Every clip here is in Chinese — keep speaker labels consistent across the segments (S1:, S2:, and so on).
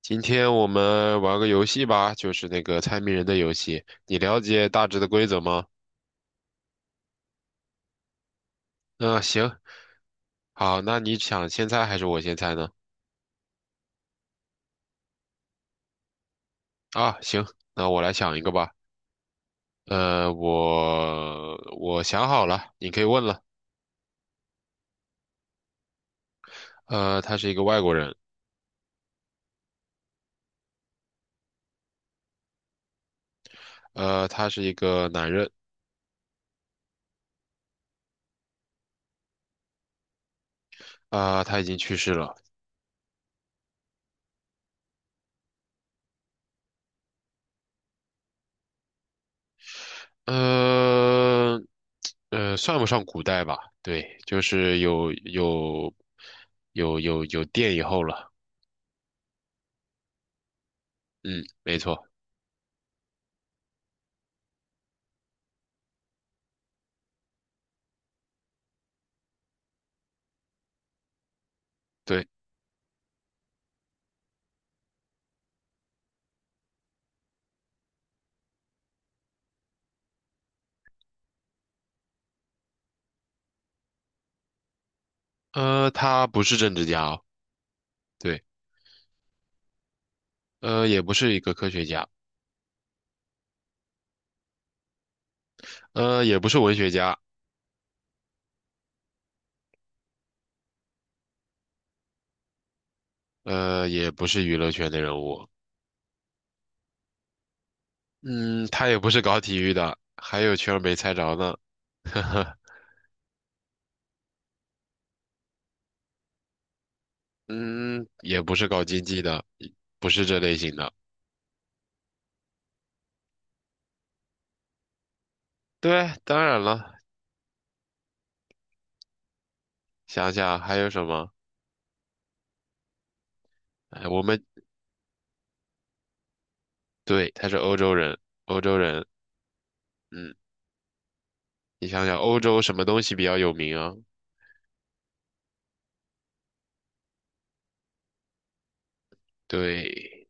S1: 今天我们玩个游戏吧，就是那个猜谜人的游戏。你了解大致的规则吗？嗯，行，好，那你想先猜还是我先猜呢？啊，行，那我来想一个吧。我想好了，你可以问了。他是一个外国人，他是一个男人，啊，他已经去世了。呃，算不上古代吧？对，就是有电以后了。嗯，没错。对，他不是政治家哦，对，也不是一个科学家，也不是文学家，也不是娱乐圈的人物，嗯，他也不是搞体育的，还有圈儿没猜着呢，呵呵，嗯，也不是搞经济的，不是这类型的。对，当然了，想想还有什么？哎，我们，对，他是欧洲人，欧洲人，嗯，你想想欧洲什么东西比较有名啊？对，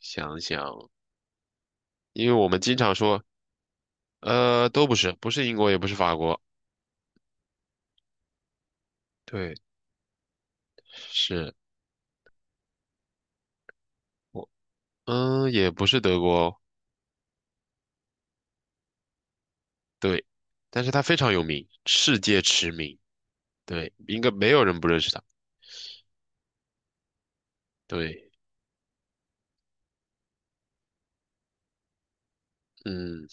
S1: 想想，因为我们经常说。都不是，不是英国，也不是法国，对，是我，也不是德国哦，对，但是它非常有名，世界驰名，对，应该没有人不认识它，对，嗯，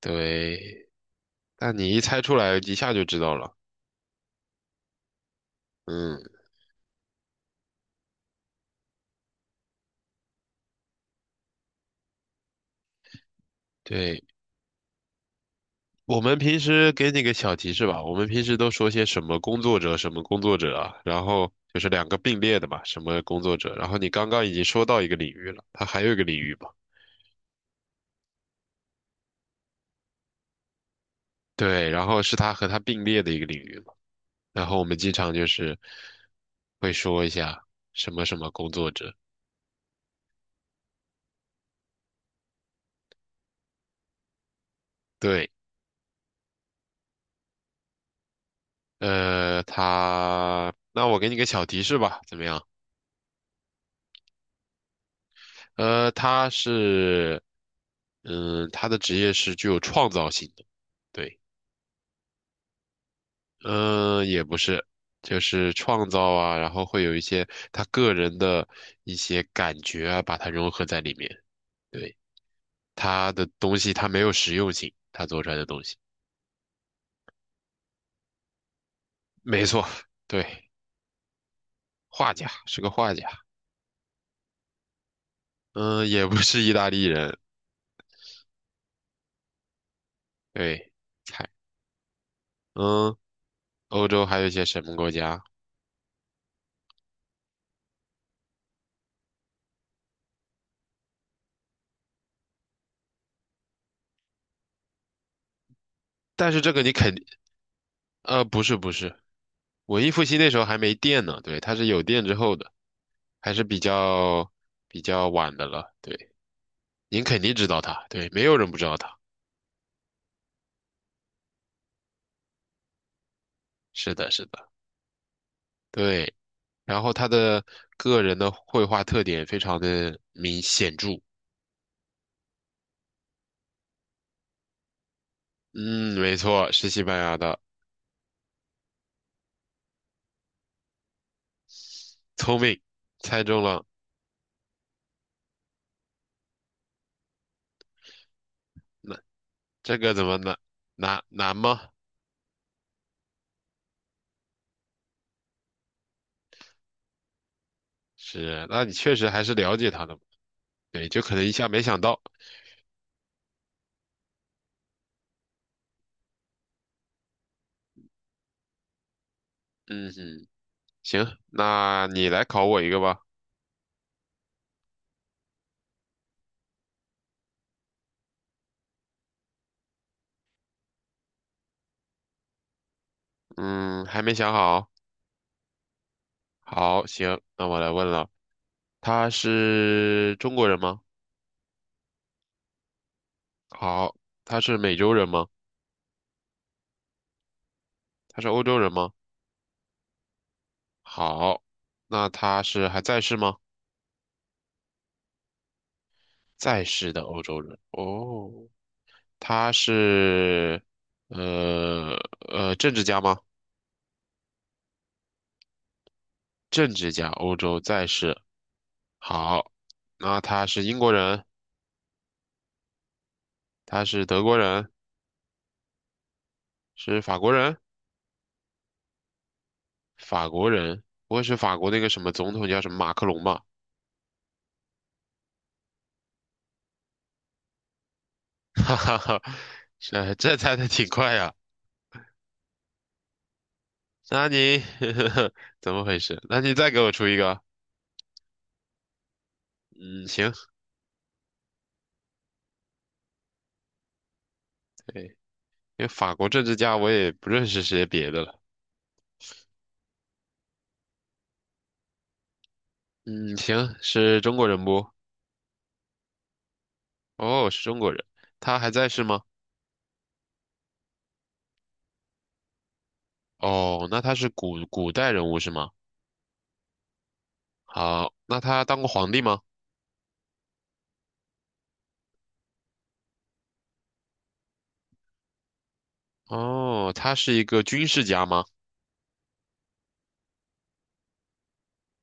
S1: 对，但你一猜出来，一下就知道了，嗯，对，我们平时给你个小提示吧，我们平时都说些什么工作者，什么工作者啊，然后就是两个并列的嘛，什么工作者，然后你刚刚已经说到一个领域了，它还有一个领域吧。对，然后是它和它并列的一个领域。然后我们经常就是会说一下什么什么工作者，对，他，那我给你个小提示吧，怎么样？他是，他的职业是具有创造性的，对，嗯，也不是，就是创造啊，然后会有一些他个人的一些感觉啊，把它融合在里面，对，他的东西他没有实用性，他做出来的东西，没错，对，画家是个画家。嗯，也不是意大利人，对，猜，嗯，欧洲还有一些什么国家？但是这个你肯定，不是不是，文艺复兴那时候还没电呢，对，它是有电之后的，还是比较晚的了，对，您肯定知道它，对，没有人不知道它，是的，是的，对，然后他的个人的绘画特点非常的明显著，嗯，没错，是西班牙的，聪明，猜中了，这个怎么难，难吗？是，那你确实还是了解他的嘛。对，就可能一下没想到。嗯哼，行，那你来考我一个吧。嗯，还没想好。好，行，那我来问了，他是中国人吗？好，他是美洲人吗？他是欧洲人吗？好，那他是还在世吗？在世的欧洲人。哦，他是呃政治家吗？政治家，欧洲在世。好，那他是英国人。他是德国人，是法国人，法国人，不会是法国那个什么总统叫什么马克龙吧？哈哈哈，这猜的挺快呀。那你 怎么回事？那你再给我出一个。嗯，行，对，因为法国政治家我也不认识些别的了。嗯，行，是中国人不？哦，是中国人，他还在世吗？哦，那他是古代人物是吗？好，那他当过皇帝吗？哦，他是一个军事家吗？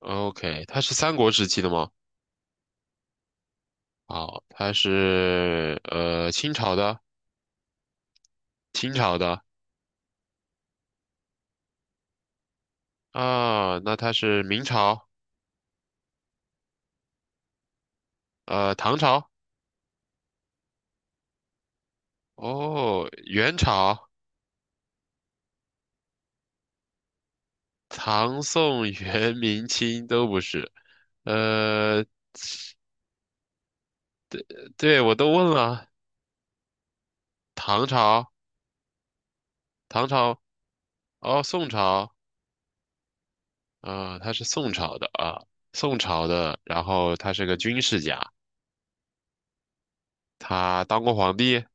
S1: OK，他是三国时期的吗？好，他是清朝的，清朝的啊，那他是明朝，唐朝，哦元朝，唐宋元明清都不是，呃，对我都问了，唐朝，唐朝，哦宋朝，啊，他是宋朝的啊，宋朝的，然后他是个军事家，他当过皇帝，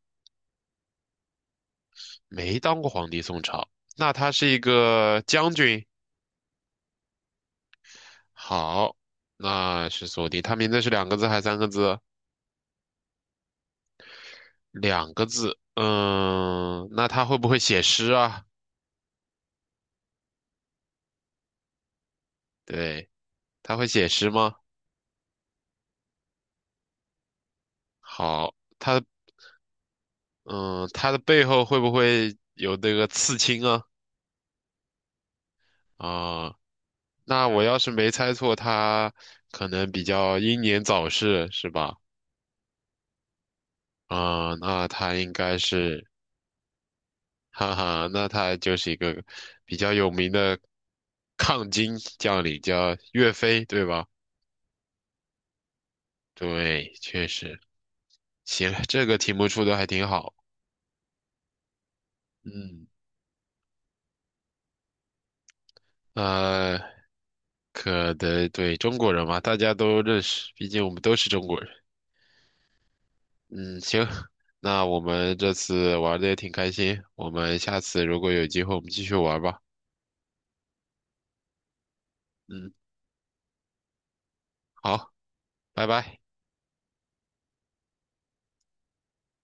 S1: 没当过皇帝，宋朝。那他是一个将军，好，那是锁定。他名字是两个字还是三个字？两个字。嗯，那他会不会写诗啊？对，他会写诗吗？好，他的背后会不会有那个刺青啊？啊，那我要是没猜错，他可能比较英年早逝，是吧？啊，那他应该是，哈哈，那他就是一个比较有名的抗金将领，叫岳飞，对吧？对，确实，行，这个题目出的还挺好。嗯，呃，可得对中国人嘛，大家都认识，毕竟我们都是中国人。嗯，行，那我们这次玩的也挺开心，我们下次如果有机会，我们继续玩吧。嗯，好，拜拜。